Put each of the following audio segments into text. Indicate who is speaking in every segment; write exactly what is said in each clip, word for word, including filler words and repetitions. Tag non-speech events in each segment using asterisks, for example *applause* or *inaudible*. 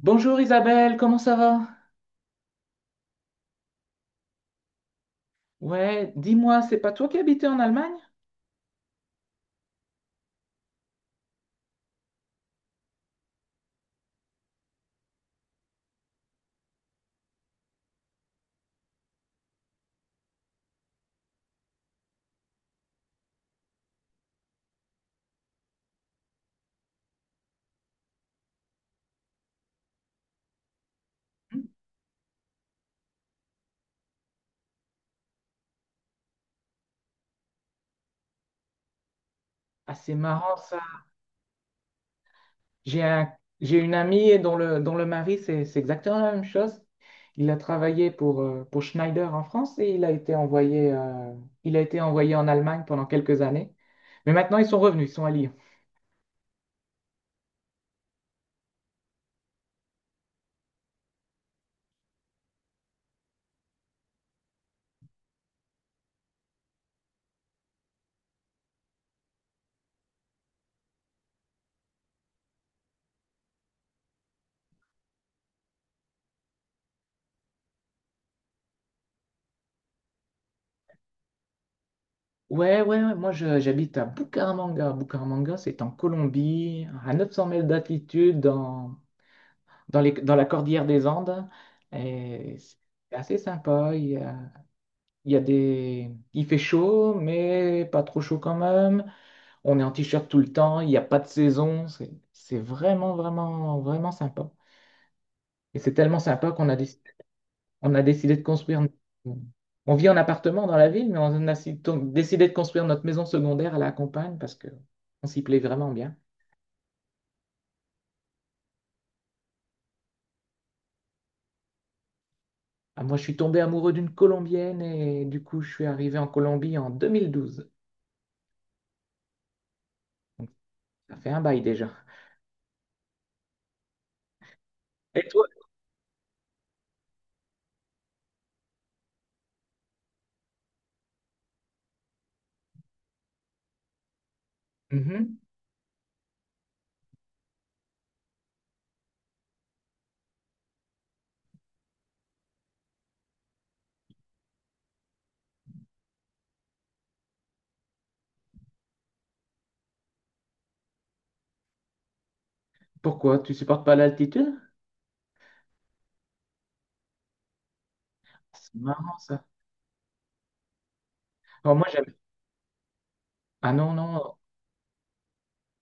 Speaker 1: Bonjour Isabelle, comment ça va? Ouais, dis-moi, c'est pas toi qui habitais en Allemagne? Ah, c'est marrant ça. J'ai un- j'ai une amie dont le, dont le mari, c'est c'est exactement la même chose. Il a travaillé pour, euh, pour Schneider en France et il a été envoyé, euh, il a été envoyé en Allemagne pendant quelques années. Mais maintenant, ils sont revenus, ils sont à Lyon. Ouais, ouais, ouais, moi je- j'habite à Bucaramanga. Bucaramanga, c'est en Colombie, à 900 mètres d'altitude, dans, dans les, dans la cordillère des Andes. Et c'est assez sympa. Il y a, il y a des. Il fait chaud, mais pas trop chaud quand même. On est en t-shirt tout le temps. Il n'y a pas de saison. C'est c'est vraiment, vraiment, vraiment sympa. Et c'est tellement sympa qu'on a, décidé- on a décidé de construire. On vit en appartement dans la ville, mais on a si- ton- décidé de construire notre maison secondaire à la campagne parce que on s'y plaît vraiment bien. Ah, moi, je suis tombé amoureux d'une Colombienne et du coup, je suis arrivé en Colombie en deux mille douze. Ça fait un bail déjà. Et toi? Mhm. Pourquoi? Tu supportes pas l'altitude? C'est marrant ça. Bon, moi j'aime. Ah non, non.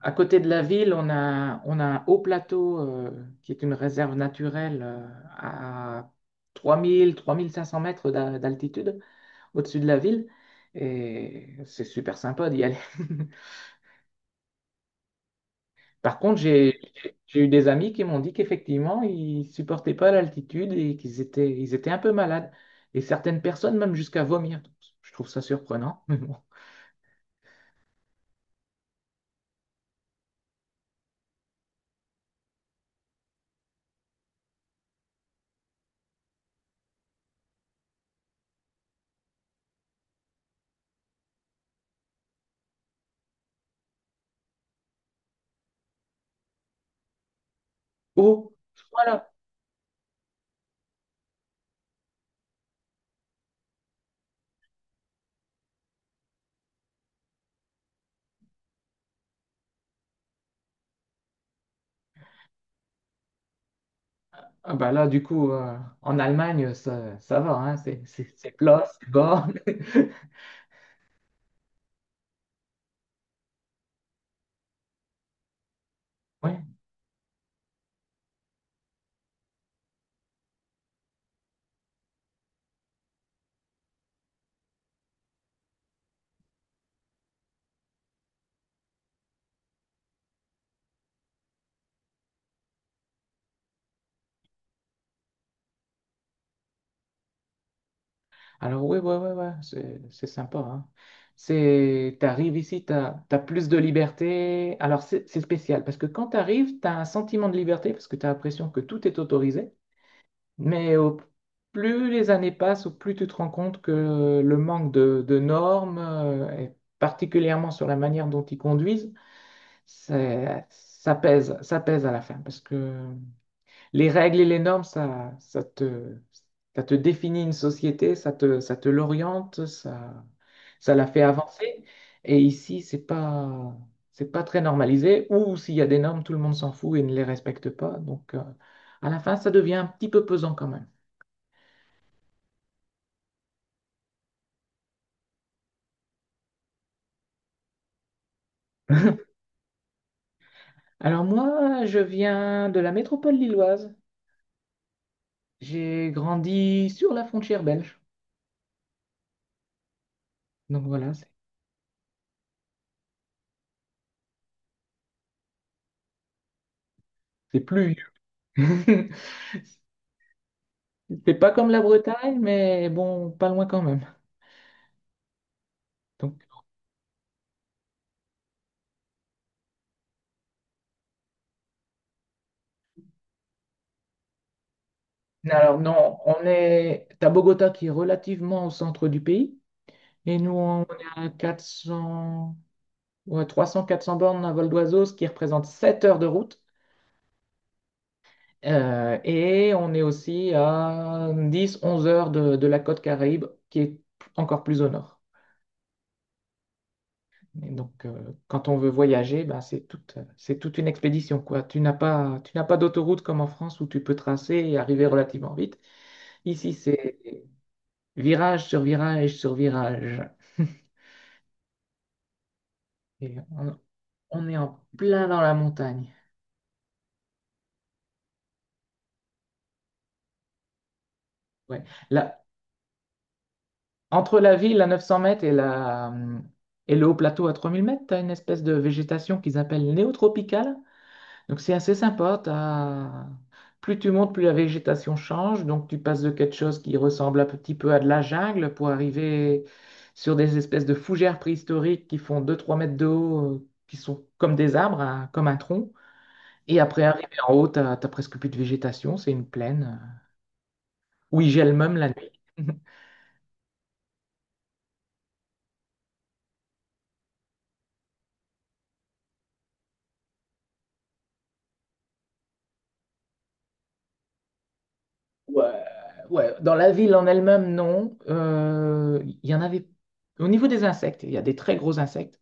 Speaker 1: À côté de la ville, on a, on a un haut plateau euh, qui est une réserve naturelle euh, à trois mille, trois mille cinq cents mètres d'a- d'altitude au-dessus de la ville. Et c'est super sympa d'y aller. *laughs* Par contre, j'ai j'ai eu des amis qui m'ont dit qu'effectivement, ils supportaient pas l'altitude et qu'ils étaient, ils étaient un peu malades. Et certaines personnes même jusqu'à vomir. Donc, je trouve ça surprenant. *laughs* Mais bon. Oh, voilà. Ah bah là, du coup, euh, en Allemagne, ça, ça va, hein, c'est c'est- c'est plat, c'est bas. *laughs* Ouais. Alors oui, ouais, ouais, ouais, c'est c'est sympa. Hein. C'est, t'arrives ici, t'as, t'as plus de liberté. Alors c'est c'est spécial parce que quand t'arrives, t'as un sentiment de liberté parce que t'as l'impression que tout est autorisé. Mais au- Plus les années passent, au plus tu te rends compte que le manque de, de normes, euh, et particulièrement sur la manière dont ils conduisent, c'est- ça pèse, ça pèse à la fin. Parce que les règles et les normes, ça, ça te, ça te définit une société, ça te, ça te l'oriente, ça, ça la fait avancer. Et ici, c'est pas, c'est pas très normalisé. Ou s'il y a des normes, tout le monde s'en fout et ne les respecte pas. Donc, euh, à la fin, ça devient un petit peu pesant quand même. *laughs* Alors moi, je viens de la métropole lilloise. J'ai grandi sur la frontière belge. Donc voilà, c'est c'est plus vieux. *laughs* C'est pas comme la Bretagne, mais bon, pas loin quand même. Donc, alors non, on est à Bogota qui est relativement au centre du pays. Et nous, on est à quatre cents, ouais, trois cents à quatre cents bornes à vol d'oiseau, ce qui représente 7 heures de route. Euh, et on est aussi à 10-11 heures de, de la côte Caraïbe, qui est encore plus au nord. Et donc, euh, quand on veut voyager, ben, c'est toute, c'est toute une expédition, quoi. Tu n'as pas, tu n'as pas d'autoroute comme en France où tu peux tracer et arriver relativement vite. Ici, c'est virage sur virage sur virage. *laughs* Et on, on est en plein dans la montagne. Ouais. Là, entre la ville à 900 mètres et, la, et le haut plateau à 3000 mètres, tu as une espèce de végétation qu'ils appellent néotropicale. Donc c'est assez sympa. t'as- Plus tu montes, plus la végétation change. Donc tu passes de quelque chose qui ressemble un petit peu à de la jungle pour arriver sur des espèces de fougères préhistoriques qui font deux trois mètres de haut, euh, qui sont comme des arbres, hein, comme un tronc. Et après, arriver en haut, t'as, t'as presque plus de végétation. C'est une plaine euh, où il gèle même la nuit. *laughs* Ouais, ouais. Dans la ville en elle-même, non. Euh, Il y en avait. Au niveau des insectes, il y a des très gros insectes.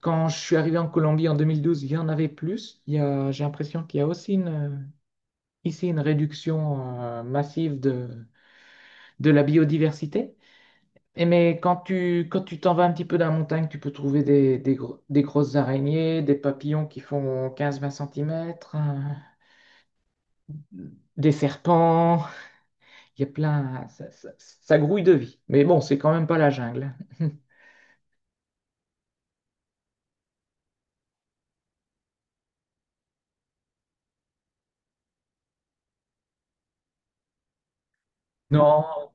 Speaker 1: Quand je suis arrivé en Colombie en deux mille douze, il y en avait plus. Il y a, j'ai l'impression qu'il y a aussi une, euh, ici une réduction euh, massive de, de la biodiversité. Et mais quand tu, quand tu t'en vas un petit peu dans la montagne, tu peux trouver des, des, gro- des grosses araignées, des papillons qui font quinze à vingt centimètres cm, des serpents. Il y a plein. Ça, ça- ça grouille de vie. Mais bon, c'est quand même pas la jungle. Non,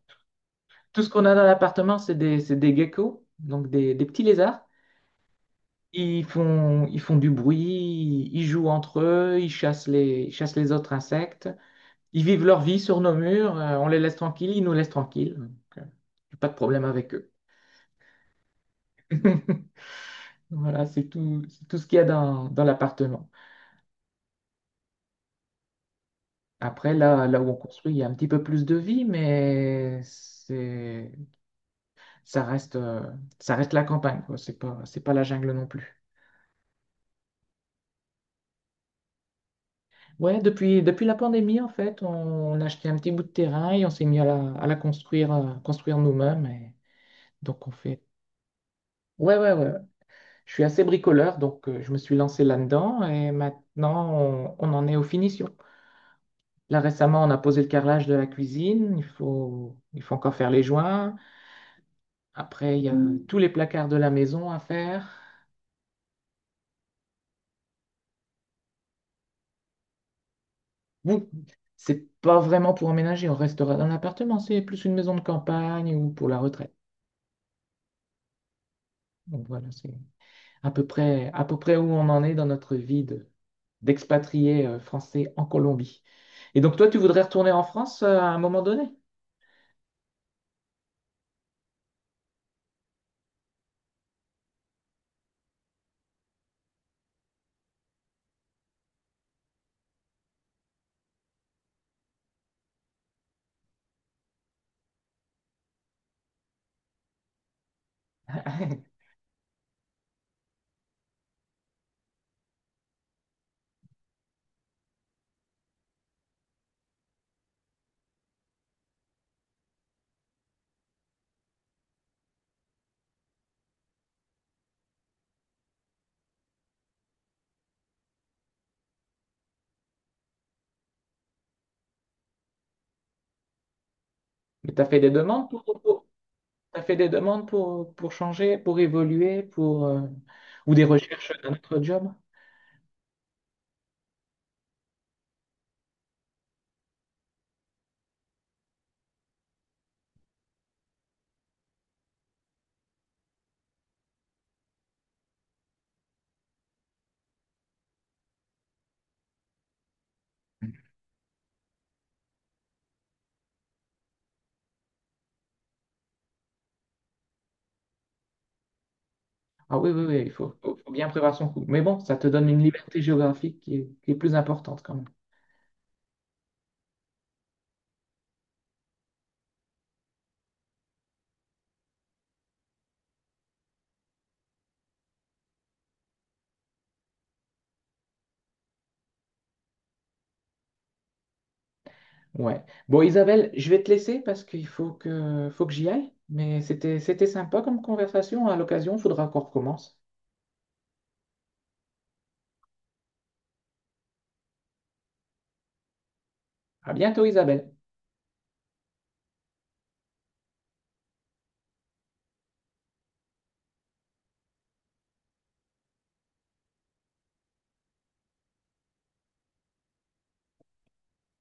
Speaker 1: tout ce qu'on a dans l'appartement, c'est des, c'est des geckos, donc des des petits lézards. Ils font, ils font du bruit, ils jouent entre eux, ils chassent les, ils chassent les autres insectes, ils vivent leur vie sur nos murs, euh, on les laisse tranquilles, ils nous laissent tranquilles. Donc, euh, j'ai pas de problème avec eux. *laughs* Voilà, c'est tout, c'est tout ce qu'il y a dans, dans l'appartement. Après, là, là où on construit, il y a un petit peu plus de vie, mais c'est, ça reste, euh, ça reste la campagne, quoi. C'est pas, c'est pas la jungle non plus. Ouais, depuis, depuis la pandémie, en fait, on, on a acheté un petit bout de terrain et on s'est mis à la, à la construire, euh, construire nous-mêmes. Et donc, on fait. Ouais, ouais, ouais. Je suis assez bricoleur, donc euh, je me suis lancé là-dedans et maintenant, on, on en est aux finitions. Là, récemment, on a posé le carrelage de la cuisine. Il faut, il faut encore faire les joints. Après, il y a euh, tous les placards de la maison à faire. Bon, c'est pas vraiment pour emménager. On restera dans l'appartement. C'est plus une maison de campagne ou pour la retraite. Donc, voilà, c'est à peu près, à peu près où on en est dans notre vie de- d'expatrié euh, français en Colombie. Et donc, toi, tu voudrais retourner en France euh, à un moment donné? *laughs* Mais tu as fait des demandes pour, pour- t'as fait des demandes pour, pour changer, pour évoluer, pour, euh, ou des recherches d'un autre job? Ah oui, oui, oui, il faut, faut- faut bien prévoir son coup. Mais bon, ça te donne une liberté géographique qui est, qui est plus importante quand même. Ouais. Bon, Isabelle, je vais te laisser parce qu'il faut que, faut que j'y aille. Mais c'était, c'était sympa comme conversation. À l'occasion, il faudra qu'on recommence. À bientôt, Isabelle.